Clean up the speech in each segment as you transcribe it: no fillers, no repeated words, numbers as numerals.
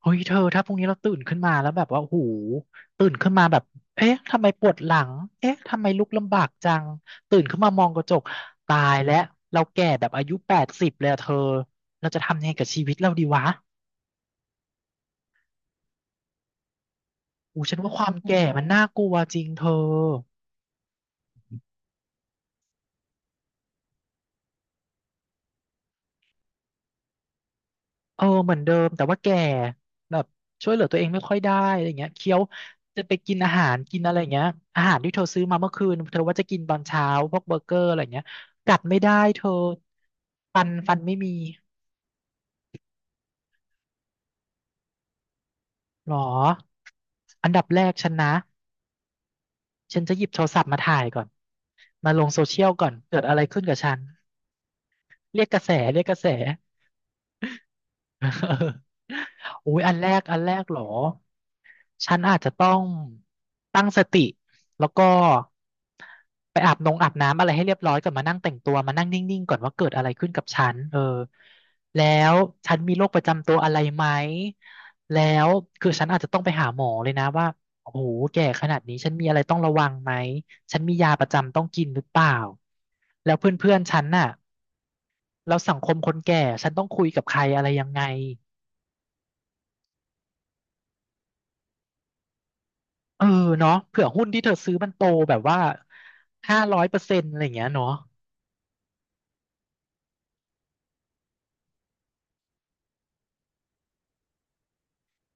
เฮ้ยเธอถ้าพรุ่งนี้เราตื่นขึ้นมาแล้วแบบว่าโอ้โหูตื่นขึ้นมาแบบเอ๊ะทำไมปวดหลังเอ๊ะทำไมลุกลำบากจังตื่นขึ้นมามองกระจกตายแล้วเราแก่แบบอายุ80เลยอะเธอเราจะทำยังไงกับชีวิตเราดีวะอูฉันว่าความแก่มันน่ากลัวจริงเธอ เออเหมือนเดิมแต่ว่าแก่แบบช่วยเหลือตัวเองไม่ค่อยได้อะไรเงี้ยเคี้ยวจะไปกินอาหารกินอะไรเงี้ยอาหารที่เธอซื้อมาเมื่อคืนเธอว่าจะกินตอนเช้าพวกเบอร์เกอร์อะไรเงี้ยกัดไม่ได้เธอฟันไม่มีหรออันดับแรกฉันนะฉันจะหยิบโทรศัพท์มาถ่ายก่อนมาลงโซเชียลก่อนเกิดอะไรขึ้นกับฉันเรียกกระแสเรียกกระแส อุ้ยอันแรกอันแรกเหรอ ฉันอาจจะต้องตั้งสติแล้วก็ไปอาบน้ำอะไรให้เรียบร้อยก่อนมานั่งแต่งตัวมานั่งนิ่งๆก่อนว่าเกิดอะไรขึ้นกับฉันเออแล้วฉันมีโรคประจำตัวอะไรไหมแล้วคือฉันอาจจะต้องไปหาหมอเลยนะว่าโอ้โหแก่ขนาดนี้ฉันมีอะไรต้องระวังไหมฉันมียาประจำต้องกินหรือเปล่าแล้วเพื่อนๆฉันน่ะแล้วสังคมคนแก่ฉันต้องคุยกับใครอะไรยังไง เออเนาะเผื่อหุ้นที่เธอซื้อมันโตแบบว่า500%อะไรอย่างเงี้ยเนาะ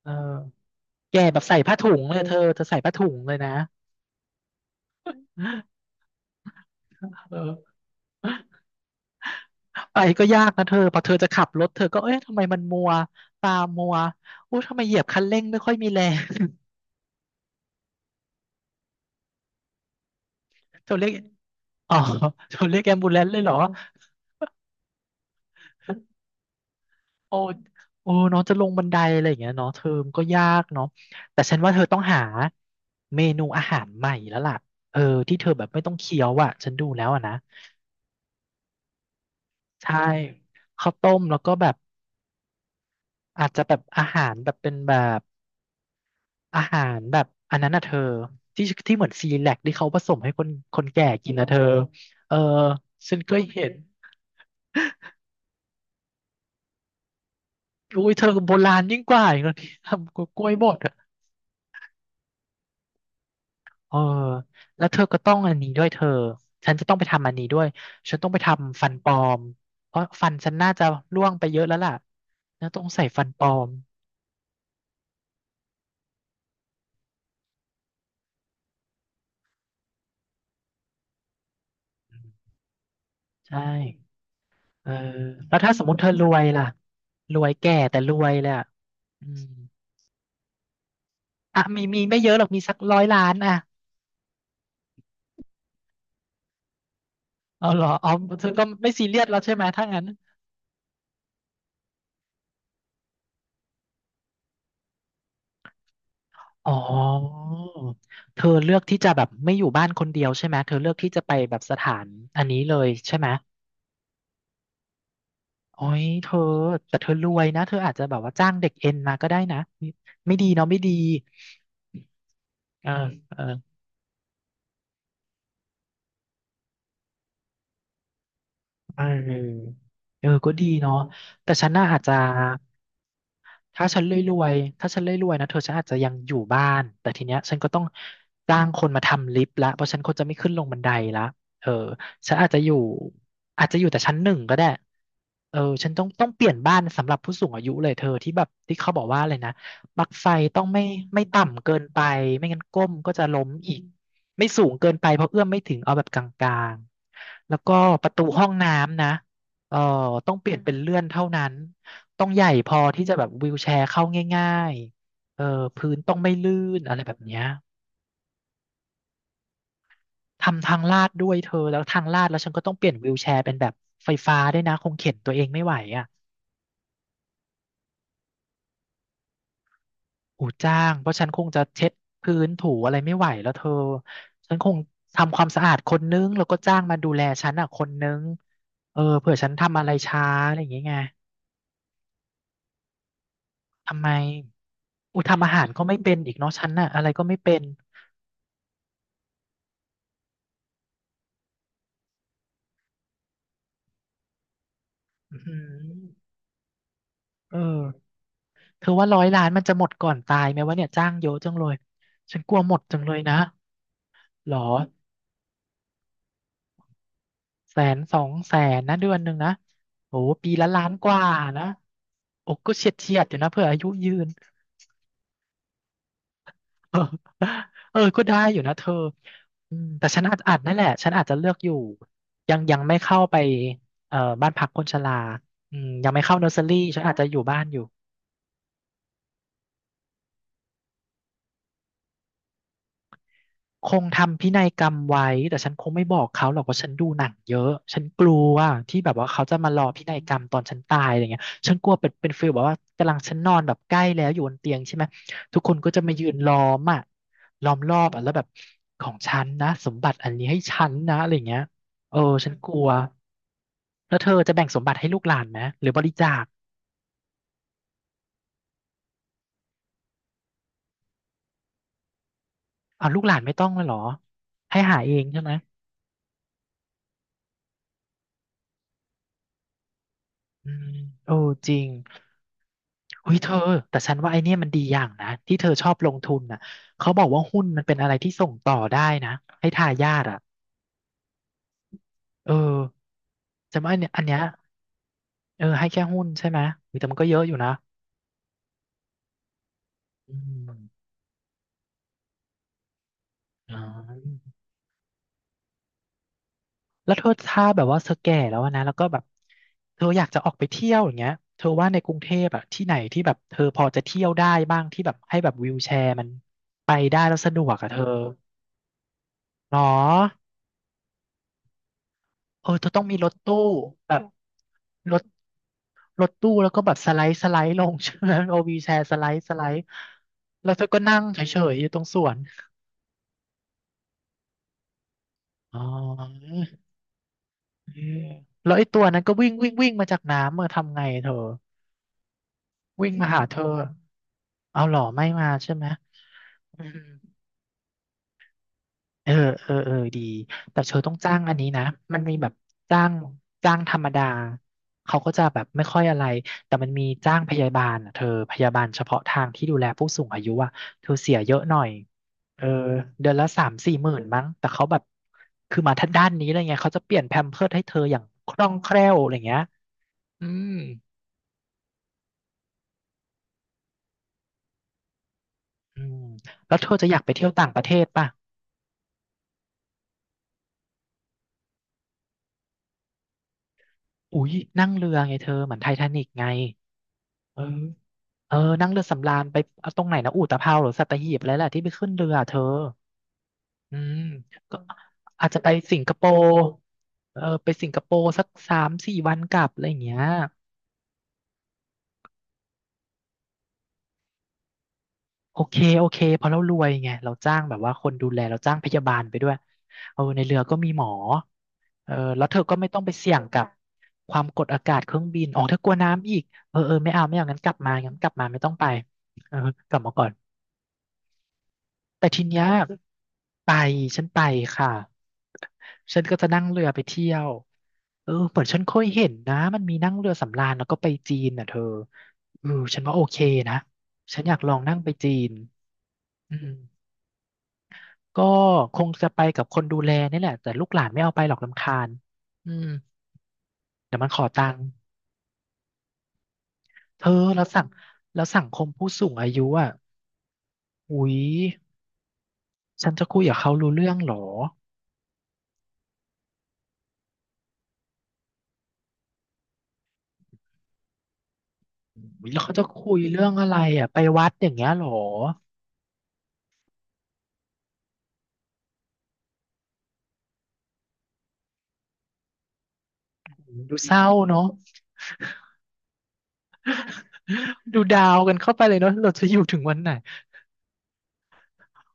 เออแกแบบใส่ผ้าถุงเลยเธอเธอใส่ผ้าถุงเลยนะเออไปก็ยากนะเธอพอเธอจะขับรถเธอก็เอ๊ะทำไมมันมัวตามัวอู้ทำไมเหยียบคันเร่งไม่ค่อยมีแรง เธอเรียกอ๋อเธอเรียกแอมบูเลนซ์เลยเหรอ โอ้โอ้เน้องจะลงบันไดอะไรอย่างเงี้ยเนาะเทอมก็ยากเนาะแต่ฉันว่าเธอต้องหาเมนูอาหารใหม่แล้วล่ะเออที่เธอแบบไม่ต้องเคี้ยวอ่ะฉันดูแล้วอ่ะนะใช่ข้าวต้มแล้วก็แบบอาจจะแบบอาหารแบบเป็นแบบอาหารแบบอันนั้นน่ะเธอที่ที่เหมือนซีแลกที่เขาผสมให้คนแก่กินนะเธอเออฉันเคยเห็นอุ้ยเธอโบราณยิ่งกว่าอีกแล้ว พี่ทำกล้วยบด เออแล้วเธอก็ต้องอันนี้ด้วยเธอ ฉันจะต้องไปทำอันนี้ด้วยฉันต้องไปทำฟันปลอมเพราะฟันฉันน่าจะร่วงไปเยอะแล้วล่ะแล้วต้องใส่ฟันปลอม ใช่เออแล้วถ้าสมมติเธอรวยล่ะรวยแก่แต่รวยเลยอ่ะอืมอ่ะมีไม่เยอะหรอกมีสักร้อยล้านอ่ะเอาเหรออ๋อเธอก็ไม่ซีเรียสแล้วใช่ไหมถ้างั้นอ๋อเธอเลือกที่จะแบบไม่อยู่บ้านคนเดียวใช่ไหมเธอเลือกที่จะไปแบบสถานอันนี้เลยใช่ไหม โอ้ยเธอแต่เธอรวยนะเธออาจจะแบบว่าจ้างเด็กเอ็นมาก็ได้นะไม่ไม่ดีเนาะไม่ดีเออเออเออเออก็ดีเนาะแต่ฉันน่ะอาจจะ ถ้าฉันรวยๆถ้าฉันรวยๆนะเธอฉันอาจจะยังอยู่บ้านแต่ทีเนี้ยฉันก็ต้องจ้างคนมาทำลิฟต์ละเพราะฉันคนจะไม่ขึ้นลงบันไดละเออฉันอาจจะอยู่อาจจะอยู่แต่ชั้นหนึ่งก็ได้เออฉันต้องเปลี่ยนบ้านสำหรับผู้สูงอายุเลยเธอที่แบบที่เขาบอกว่าอะไรนะปลั๊กไฟต้องไม่ไม่ต่ำเกินไป ไม่งั้นก้มก็จะล้มอีก ไม่สูงเกินไปเพราะเอื้อมไม่ถึงเอาแบบกลางๆแล้วก็ประตูห้องน้ำนะเออต้องเปลี่ยนเป็นเลื่อนเท่านั้น ต้องใหญ่พอที่จะแบบวีลแชร์เข้าง่ายๆเออพื้นต้องไม่ลื่นอะไรแบบเนี้ยทำทางลาดด้วยเธอแล้วทางลาดแล้วฉันก็ต้องเปลี่ยนวีลแชร์เป็นแบบไฟฟ้าด้วยนะคงเข็นตัวเองไม่ไหวอ่ะหูจ้างเพราะฉันคงจะเช็ดพื้นถูอะไรไม่ไหวแล้วเธอฉันคงทำความสะอาดคนนึงแล้วก็จ้างมาดูแลฉันอ่ะคนนึงเออเผื่อฉันทำอะไรช้าอะไรอย่างเงี้ยไงทำไมอุยทำอาหารก็ไม่เป็นอีกเนาะฉันน่ะอะไรก็ไม่เป็นอือหือเออ เธอว่า100 ล้านมันจะหมดก่อนตายไหมวะเนี่ยจ้างเยอะจังเลยฉันกลัวหมดจังเลยนะหรอแสนสองแสนนะเดือนหนึ่งนะโอ้ปีละล้านกว่านะโอ้ก็เฉียดเฉียดอยู่นะเผื่ออายุยืน เออเออก็ได้อยู่นะเธออืมแต่ฉันอาจนั่นแหละฉันอาจจะเลือกอยู่ยังไม่เข้าไปเอ่อบ้านพักคนชราอืมยังไม่เข้าเนอร์เซอรี่ฉันอาจจะอยู่บ้านอยู่ คงทำพินัยกรรมไว้แต่ฉันคงไม่บอกเขาหรอกว่าฉันดูหนังเยอะฉันกลัวที่แบบว่าเขาจะมารอพินัยกรรมตอนฉันตายอะไรเงี้ยฉันกลัวเป็นฟีลแบบว่ากำลังฉันนอนแบบใกล้แล้วอยู่บนเตียงใช่ไหมทุกคนก็จะมายืนล้อมอ่ะล้อมรอบอ่ะแล้วแบบของฉันนะสมบัติอันนี้ให้ฉันนะอะไรเงี้ยเออฉันกลัวแล้วเธอจะแบ่งสมบัติให้ลูกหลานไหมหรือบริจาคเอาลูกหลานไม่ต้องเลยเหรอให้หาเองใช่ไหมอืมโอ้จริง อุ้ยเธอแต่ฉันว่าไอเนี่ยมันดีอย่างนะที่เธอชอบลงทุนน่ะเขาบอกว่าหุ้นมันเป็นอะไรที่ส่งต่อได้นะให้ทายาทอ่ะเออจำว่าอันเนี้ยอันเนี้ยเออให้แค่หุ้นใช่ไหมอุ๊ยแต่มันก็เยอะอยู่นะอืมอ๋อแล้วเธอถ้าแบบว่าเธอแก่แล้วอะนะแล้วก็แบบเธออยากจะออกไปเที่ยวอย่างเงี้ยเธอว่าในกรุงเทพอะที่ไหนที่แบบเธอพอจะเที่ยวได้บ้างที่แบบให้แบบวีลแชร์มันไปได้แล้วสะดวกอะเธอหรอเออเธอต้องมีรถตู้แบบรถ รถตู้แล้วก็แบบสไลด์ลง ใช่ไหมเอาวีแชร์สไลด์แล้วเธอก็นั่งเฉยๆอยู่ตรงสวนอ๋อเออแล้วไอ้ตัวนั้นก็วิ่งวิ่งวิ่งมาจากน้ำเมื่ออทำไงเธอวิ่งมาหาเธอเอาหรอไม่มาใช่ไหมอืม เออเออ เออ ดี แต่เธอต้องจ้างอันนี้นะ มันมีแบบจ้างจ้างธรรมดาเขาก็จะแบบไม่ค่อยอะไร แต่มันมีจ้างพยาบาลอ่ะเธอพยาบาลเฉพาะทางที่ดูแลผู้สูงอายุอ่ะเธอเสียเยอะหน่อยเออเดือนละสามสี่หมื่นมั้ง แต่เขาแบบคือมาทางด้านนี้เลยไงเขาจะเปลี่ยนแพมเพิร์สให้เธออย่างคล่องแคล่วอะไรเงี้ยอืมอืมแล้วเธอจะอยากไปเที่ยวต่างประเทศป่ะอุ๊ยนั่งเรือไงเธอเหมือนไททานิกไงเออ เออนั่งเรือสำราญไปเอาตรงไหนนะอุตภเปาวหรือสัตหีบอะไรแหละที่ไปขึ้นเรือเธออืมก็อาจจะไปสิงคโปร์เออไปสิงคโปร์สักสามสี่วันกลับอะไรอย่างเงี้ยโอเคโอเคเพราะเรารวยไงเราจ้างแบบว่าคนดูแลเราจ้างพยาบาลไปด้วยเออในเรือก็มีหมอเออแล้วเธอก็ไม่ต้องไปเสี่ยงกับความกดอากาศเครื่องบินอ๋อเธอกลัวน้ำอีกเออเออไม่เอาไม่เอางั้นกลับมางั้นกลับมาไม่ต้องไปเออกลับมาก่อน แต่ทีเนี้ยไปฉันไปค่ะฉันก็จะนั่งเรือไปเที่ยวเออเหมือนฉันเคยเห็นนะมันมีนั่งเรือสำราญแล้วก็ไปจีนน่ะเธอเออฉันว่าโอเคนะฉันอยากลองนั่งไปจีนอืมก็คงจะไปกับคนดูแลนี่แหละแต่ลูกหลานไม่เอาไปหรอกรำคาญอืมเดี๋ยวมันขอตังค์เธอแล้วสั่งแล้วสังคมผู้สูงอายุอ่ะอุ๊ยฉันจะคุยกับเขารู้เรื่องเหรอ อุ๊ยแล้วเขาจะคุยเรื่องอะไรอ่ะไปวัดอย่างเงี้ยเหรอดูเศร้าเนาะ ดูดาวกันเข้าไปเลยเนาะเราจะอยู่ถึงวันไหน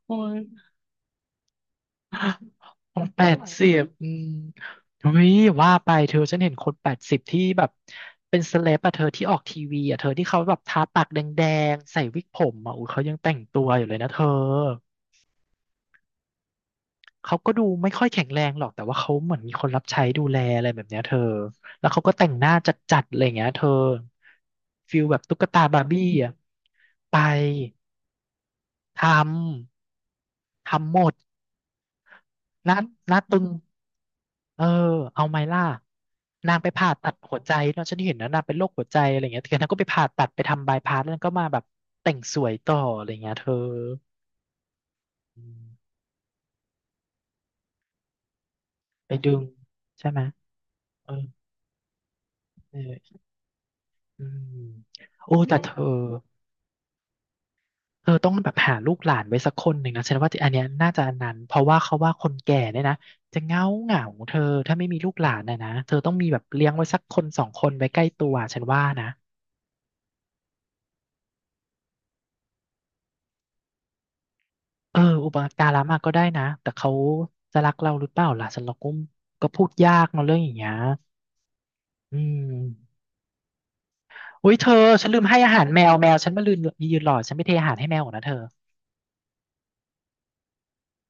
โอ้ยผมแปดสิบอืมเฮ้ยว่าไปเธอฉันเห็นคนแปดสิบที่แบบเป็นเซเลบอะเธอที่ออกทีวีอะเธอที่เขาแบบทาปากแดงๆใส่วิกผมอะอุ้ยเขายังแต่งตัวอยู่เลยนะเธอ เขาก็ดูไม่ค่อยแข็งแรงหรอกแต่ว่าเขาเหมือนมีคนรับใช้ดูแลอะไรแบบเนี้ยเธอแล้วเขาก็แต่งหน้าจัดๆอะไรอย่างเงี้ยเธอฟิลแบบตุ๊กตาบาร์บี้อ่ะไปทำทำหมดหน้าหน้าตึงเออเอาไหมล่ะนางไปผ่าตัดหัวใจเนอะฉันเห็นนะนางเป็นโรคหัวใจอะไรเงี้ยเธอนางก็ไปผ่าตัดไปทำบายพาสแล้วนางก็มาแบบแต่งสวยต่ออะไรเงี้ยเธออืมไปดึงใช่ไหมเออเอออืมโอ้แต่เธอ เออต้องแบบหาลูกหลานไว้สักคนหนึ่งนะฉันว่าอันเนี้ยน่าจะอันนั้นเพราะว่าเขาว่าคนแก่เนี่ยนะจะเหงาเหงาเธอถ้าไม่มีลูกหลานนะเธอต้องมีแบบเลี้ยงไว้สักคนสองคนไว้ใกล้ตัวฉันว่านะเอออุปการะมาก็ได้นะแต่เขาจะรักเราหรือเปล่าล่ะฉันเราก็ก็พูดยากเนาะเรื่องอย่างเงี้ยอืมอุ้ยเธอฉันลืมให้อาหารแมวฉันมาลืมยืนรอฉันไม่เทอาหารให้แมวก่อนนะเธอ